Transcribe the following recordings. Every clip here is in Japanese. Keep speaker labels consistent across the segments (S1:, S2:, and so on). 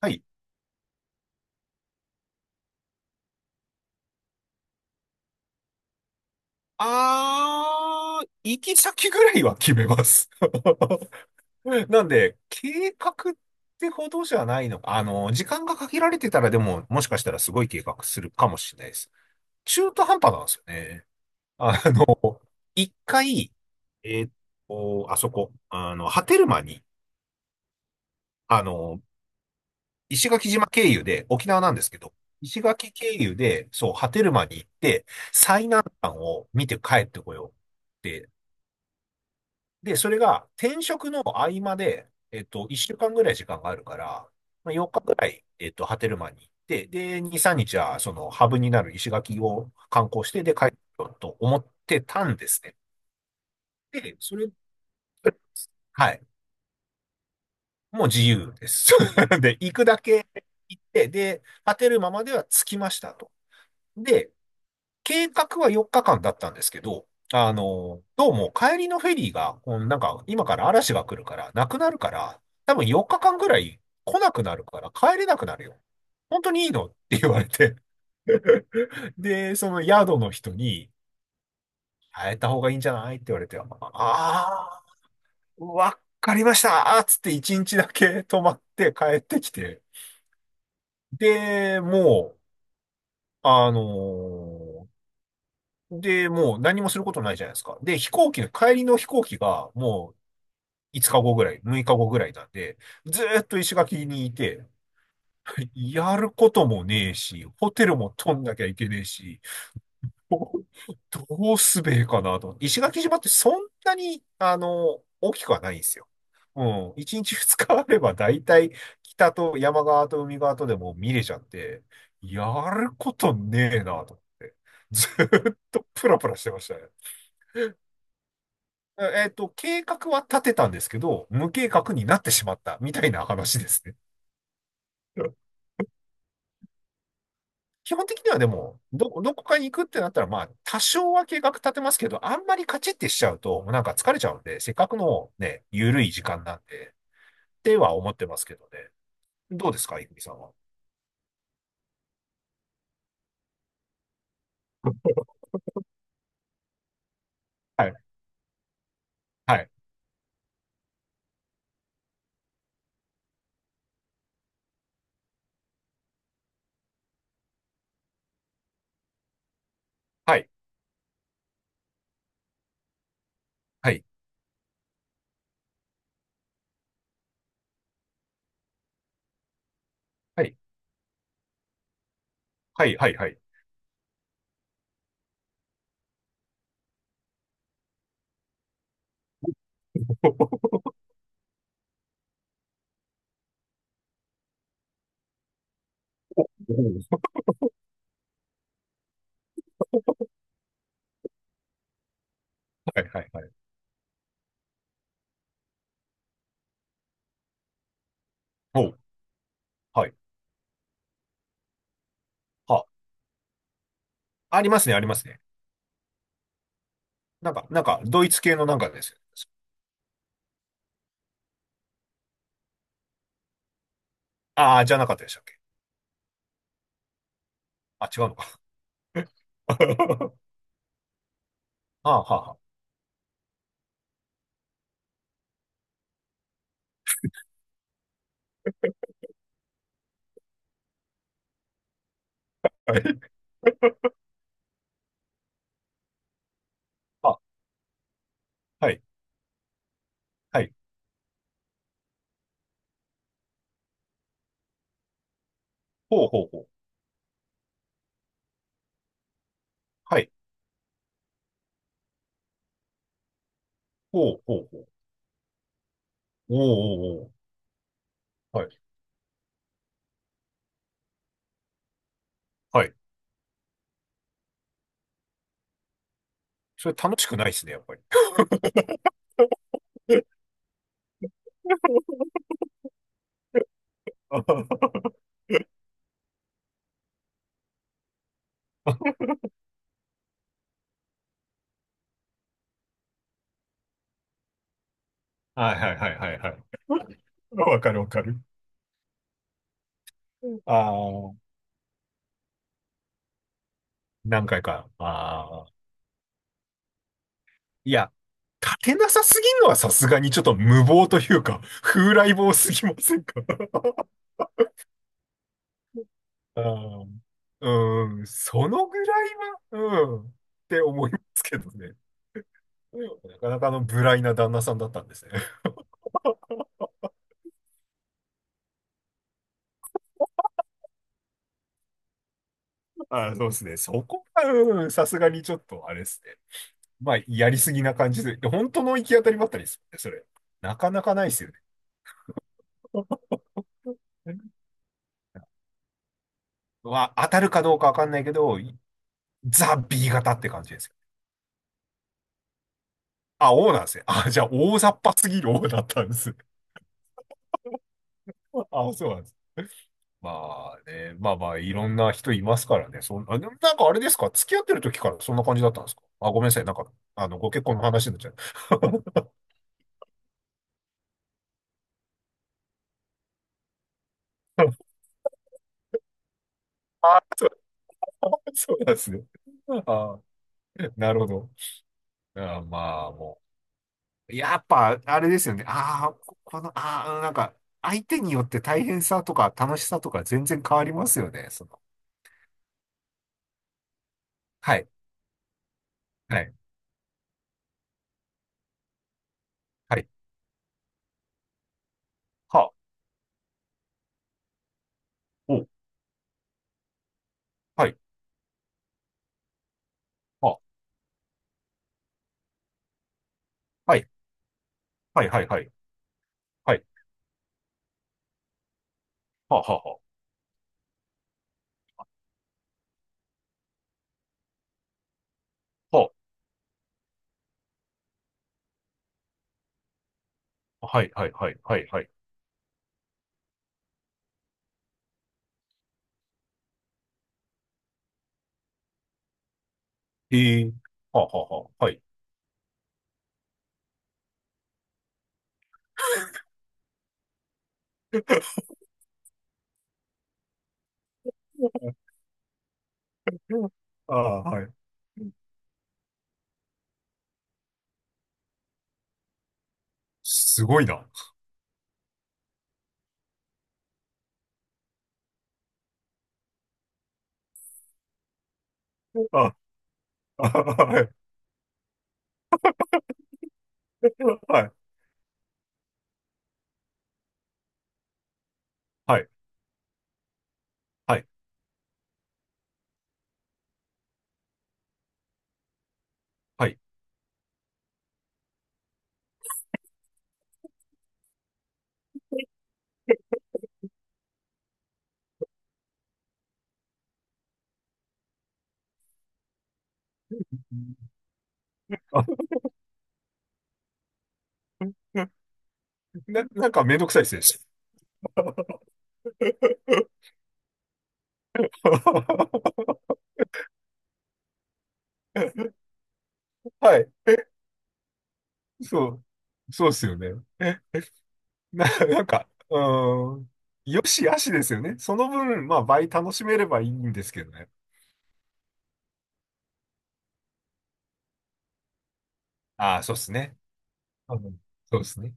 S1: はい。あー、行き先ぐらいは決めます。なんで、計画ってほどじゃないのか。時間が限られてたらでも、もしかしたらすごい計画するかもしれないです。中途半端なんですよね。あの、一回、えーっあそこ、波照間に、あの、石垣島経由で、沖縄なんですけど、石垣経由で、そう、波照間に行って、最南端を見て帰ってこよう。ってで、それが転職の合間で、1週間ぐらい時間があるから、まあ、日ぐらい、波照間に行って、で、2、3日は、ハブになる石垣を観光して、で、帰ろうと思ってたんですね。で、それ、はい。もう自由です。で、行くだけ行って、で、波照間までは着きましたと。で、計画は4日間だったんですけど、どうも帰りのフェリーが、こうなんか今から嵐が来るから、なくなるから、多分4日間ぐらい来なくなるから帰れなくなるよ。本当にいいのって言われて。で、その宿の人に、変えた方がいいんじゃないって言われて、ああー、わかりましたつって1日だけ泊まって帰ってきて。で、もう、あのーで、もう何もすることないじゃないですか。で、飛行機の、帰りの飛行機がもう5日後ぐらい、6日後ぐらいなんで、ずーっと石垣にいて、やることもねえし、ホテルも取んなきゃいけねえし、どどうすべえかなと思って。石垣島ってそんなに、大きくはないんですよ。うん。1日2日あれば大体北と山側と海側とでも見れちゃって、やることねえなと思って。ずーっとプラプラしてましたね。計画は立てたんですけど、無計画になってしまったみたいな話ですね。うん。基本的にはでも、どこかに行くってなったら、まあ、多少は計画立てますけど、あんまりカチッてしちゃうと、なんか疲れちゃうんで、せっかくのね、ゆるい時間なんで、っては思ってますけどね。どうですか、いふみさんは。はい、はい、はい、はい、はい、はい、はい、はい。おう。はい、はい、はい。おう。はい。あ、ありますね、ありますね。なんか、なんか、ドイツ系のなんかですよ。ああ、じゃなかったでしたっけ。あ、違うのか。はあ。はあ、はあ、はい。あ、はい、はい。ほうほうほう。はい。ほうほうほう。おーおーおー。はい、はい。それ楽しくないですね、やっぱり。はいはいはいはいはい。わかるわかる。ああ、何回か。ああ。いや、立てなさすぎるのはさすがにちょっと無謀というか、風来坊すぎませんか？ あー、うん、そのぐらいは、うん、って思いますけどね。うん。なかなかあの無頼な旦那さんだったんですね。あ、そうですね。そこは、うん、さすがにちょっと、あれですね。まあ、やりすぎな感じで、で本当の行き当たりばったりですよね、それ。なかなかないですよね。は、当たるかどうかわかんないけど、ザ・ B 型って感じですよ。あ、O なんですね。あ、じゃあ、大雑把すぎる O だったんです。あ、そうなんです。まあね、まあまあ、いろんな人いますからね。あ、でもなんかあれですか、付き合ってる時からそんな感じだったんですか？あ、ごめんなさい。なんか、ご結婚の話になっちゃう。ああ、そう、あ、そうなんですね。ああ、なるほど。あー、まあ、もう。やっぱ、あれですよね。ああ、ここの、ああ、なんか、相手によって大変さとか楽しさとか全然変わりますよね。その、はい、はい、はい、はあ、お、はい、はあ、はい、はい、はい、はい、はい、はあ、はあ、はあ、はあ、はい、はい、はい、はい、はい、ええ、はあ、はあ、はあ、はい。ああ、はい。すごいな。あ、あ、はい、はい、はい、はい、はい。なんかめんどくさいですね。はい。そう。そうですよね。え、なんか、うーん。よしあしですよね。その分、まあ、倍楽しめればいいんですけどね。ああ、そうですね。あの、そうですね。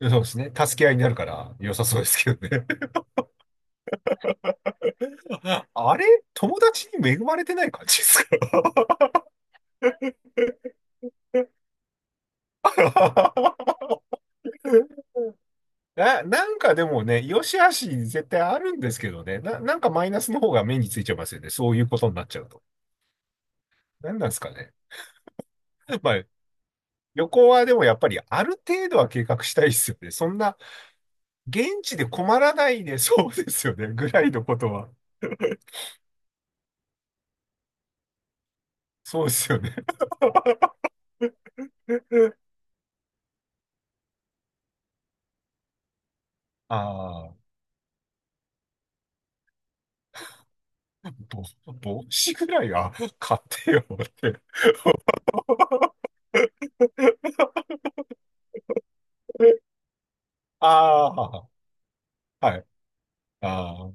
S1: そうですね。助け合いになるから良さそうですけどね。あれ、友達に恵まれてない感じですか？ なんかでもね、良し悪し絶対あるんですけどね。なんかマイナスの方が目についちゃいますよね。そういうことになっちゃうと。なんなんですかね。まあ、旅行はでもやっぱりある程度は計画したいですよね。そんな、現地で困らないで、そうですよね。ぐらいのことは。そうですよね。ああ、ぼ、帽子ぐらいは買ってよって。ああ、はい。ああ、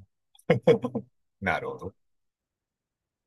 S1: なるほど。